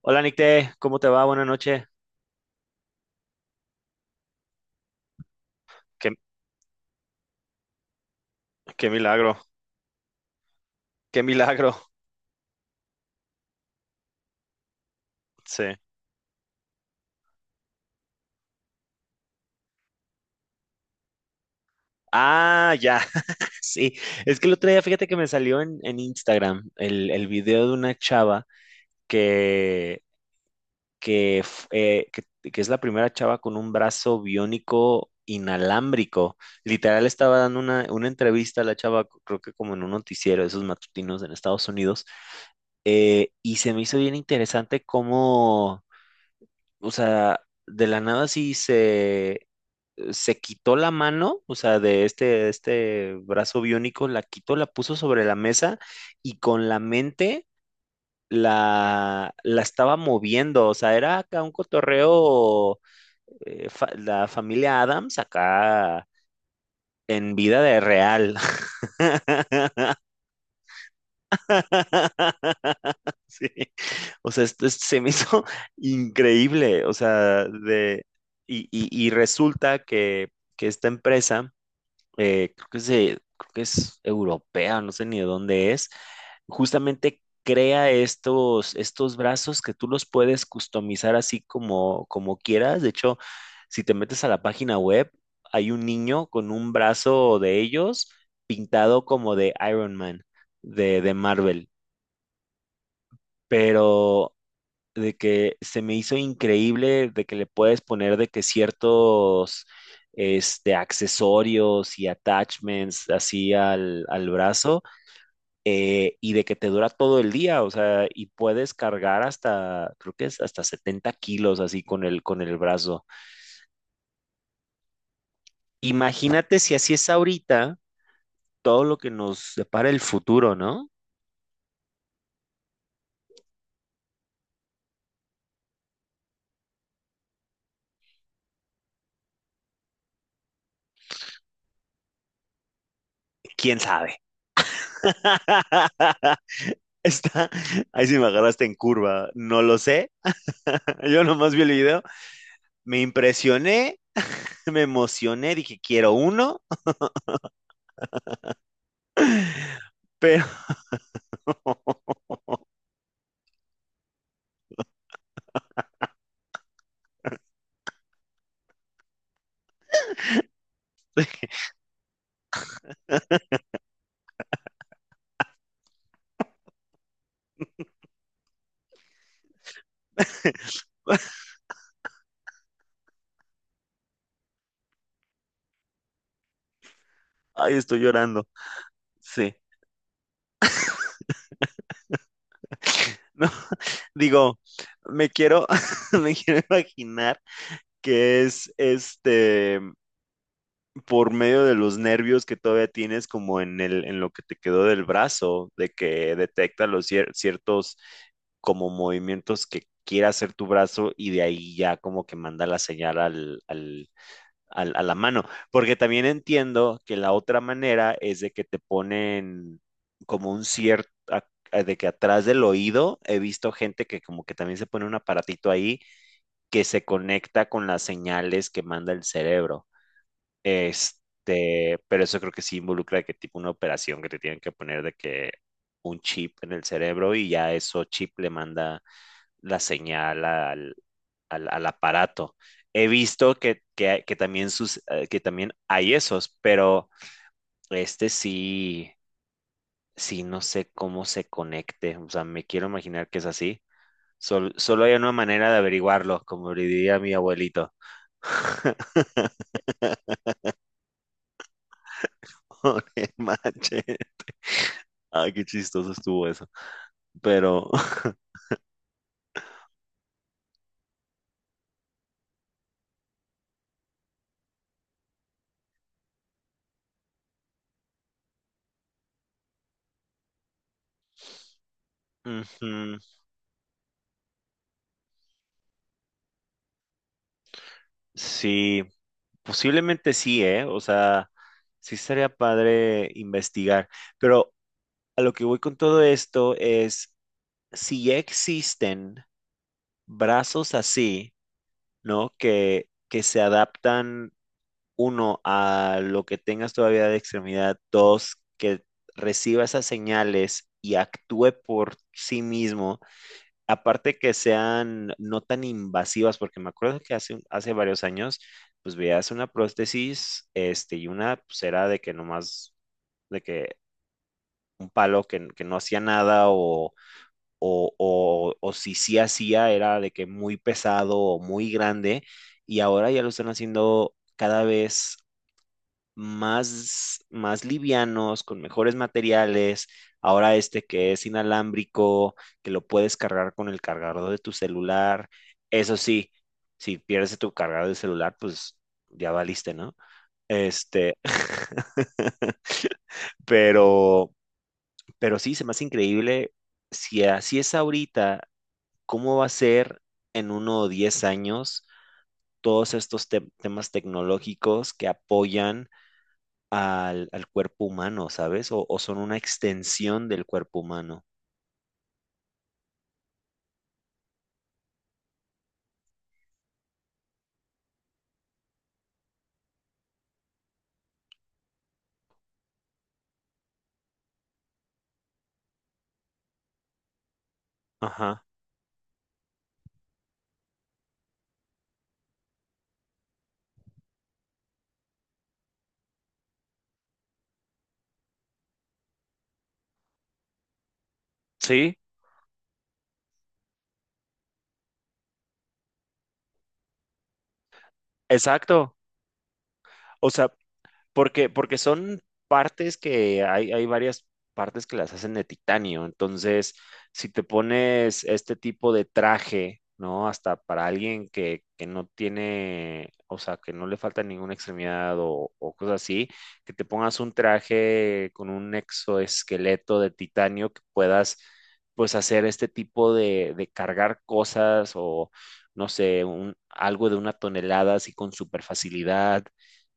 Hola Nicte, ¿cómo te va? Buenas noches. Qué, qué milagro, qué milagro. Sí. Ah, ya. Sí. Es que el otro día, fíjate que me salió en Instagram el video de una chava que, que, f- eh, que, que es la primera chava con un brazo biónico inalámbrico. Literal estaba dando una entrevista a la chava, creo que como en un noticiero, de esos matutinos en Estados Unidos, y se me hizo bien interesante cómo, o sea, de la nada sí se quitó la mano, o sea, de este brazo biónico, la quitó, la puso sobre la mesa y con la mente la estaba moviendo, o sea, era acá un cotorreo, la familia Adams acá en vida de real. Sí. O sea, se me hizo increíble, o sea, y resulta que esta empresa, creo que creo que es europea, no sé ni de dónde es. Justamente crea estos brazos que tú los puedes customizar así como, como quieras. De hecho, si te metes a la página web, hay un niño con un brazo de ellos pintado como de Iron Man, de Marvel. Pero de que se me hizo increíble de que le puedes poner de que ciertos, este, accesorios y attachments así al brazo, y de que te dura todo el día, o sea, y puedes cargar hasta, creo que es hasta 70 kilos así con el brazo. Imagínate si así es ahorita, todo lo que nos depara el futuro, ¿no? ¿Quién sabe? Está, ahí sí me agarraste en curva, no lo sé. Yo nomás vi el video. Me impresioné, me emocioné, dije quiero uno, pero ay, estoy llorando. Sí. No, digo, me quiero, me quiero imaginar que es, este, por medio de los nervios que todavía tienes como en lo que te quedó del brazo, de que detecta los ciertos como movimientos que quiera hacer tu brazo y de ahí ya como que manda la señal a la mano, porque también entiendo que la otra manera es de que te ponen como un cierto, de que atrás del oído he visto gente que como que también se pone un aparatito ahí que se conecta con las señales que manda el cerebro. Este, pero eso creo que sí involucra de que tipo una operación que te tienen que poner de que un chip en el cerebro y ya eso chip le manda la señal al aparato. He visto que también sus, que también hay esos, pero este sí, sí no sé cómo se conecte. O sea, me quiero imaginar que es así. Solo hay una manera de averiguarlo, como le diría mi abuelito. No manches. Ay, qué chistoso estuvo eso. Pero ujú, sí, posiblemente sí, ¿eh? O sea, sí estaría padre investigar. Pero a lo que voy con todo esto es, si ya existen brazos así, ¿no? Que se adaptan, uno, a lo que tengas todavía de extremidad; dos, que reciba esas señales y actúe por sí mismo, aparte que sean no tan invasivas, porque me acuerdo que hace varios años, pues veías una prótesis, este, y una pues era de que nomás, de que un palo que no hacía nada, o, o si sí hacía era de que muy pesado o muy grande, y ahora ya lo están haciendo cada vez más livianos, con mejores materiales. Ahora este que es inalámbrico, que lo puedes cargar con el cargador de tu celular. Eso sí, si pierdes tu cargador de celular, pues ya valiste, ¿no? Este, pero, pero sí, se me hace increíble. Si así es ahorita, ¿cómo va a ser en uno o 10 años todos estos temas tecnológicos que apoyan al cuerpo humano, ¿sabes? O son una extensión del cuerpo humano. Ajá. Sí, exacto. O sea, porque son partes que hay varias partes que las hacen de titanio. Entonces, si te pones este tipo de traje, ¿no? Hasta para alguien que no tiene, o sea, que no le falta ninguna extremidad o cosas así, que te pongas un traje con un exoesqueleto de titanio que puedas, pues, hacer este tipo de cargar cosas o, no sé, un, algo de una tonelada así con super facilidad,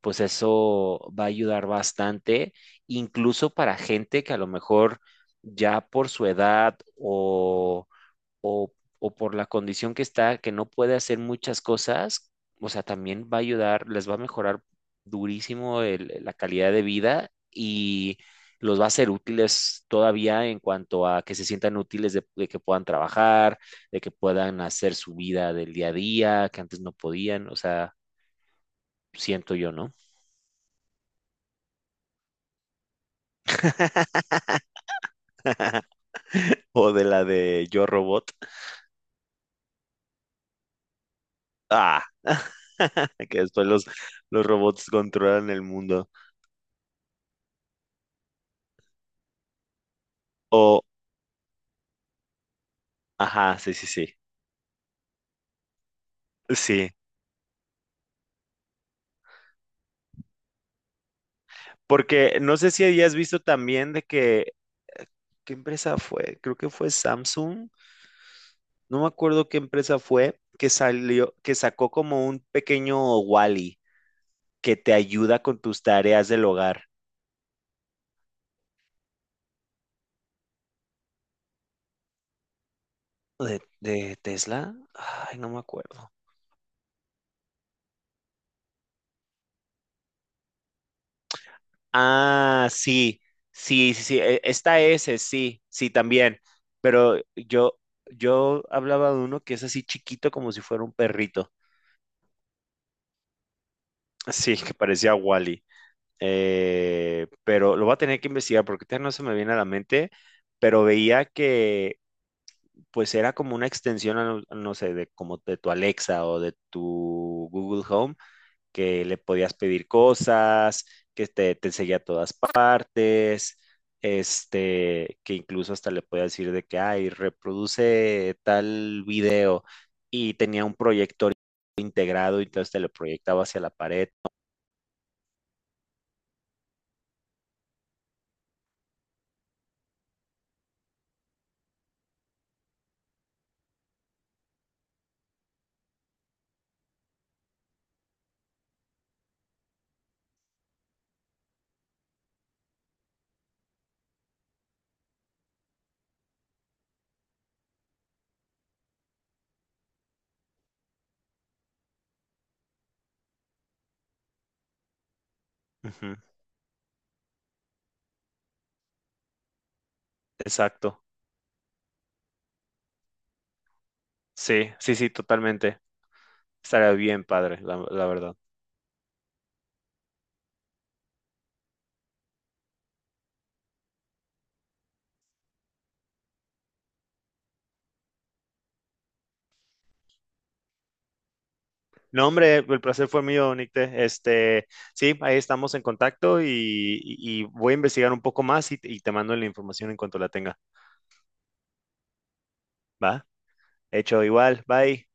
pues eso va a ayudar bastante, incluso para gente que a lo mejor ya por su edad o, o por la condición que está, que no puede hacer muchas cosas, o sea, también va a ayudar, les va a mejorar durísimo la calidad de vida y los va a ser útiles todavía en cuanto a que se sientan útiles de que puedan trabajar, de que puedan hacer su vida del día a día, que antes no podían, o sea, siento yo, ¿no? O de la de Yo Robot. Ah, que después los robots controlan el mundo. O, ajá, sí, sí, sí. Sí. Porque no sé si hayas visto también de que, ¿qué empresa fue? Creo que fue Samsung. No me acuerdo qué empresa fue que salió, que sacó como un pequeño Wally que te ayuda con tus tareas del hogar. De Tesla? Ay, no me acuerdo. Ah, sí, sí, sí, sí, está ese, sí, sí, también. Pero yo, yo hablaba de uno que es así chiquito como si fuera un perrito. Sí, que parecía Wally. Pero lo voy a tener que investigar porque ahorita no se me viene a la mente. Pero veía que pues era como una extensión, a, no, no sé, de como de tu Alexa o de tu Google Home, que le podías pedir cosas, que te seguía a todas partes, este, que incluso hasta le podías decir de que, ay, reproduce tal video, y tenía un proyector integrado y entonces te lo proyectaba hacia la pared. Ujú. Exacto. Sí, sí, sí, totalmente. Estaría bien padre, la verdad. No, hombre, el placer fue mío, Nicte. Este, sí, ahí estamos en contacto y, y voy a investigar un poco más y te mando la información en cuanto la tenga. ¿Va? Hecho igual, bye.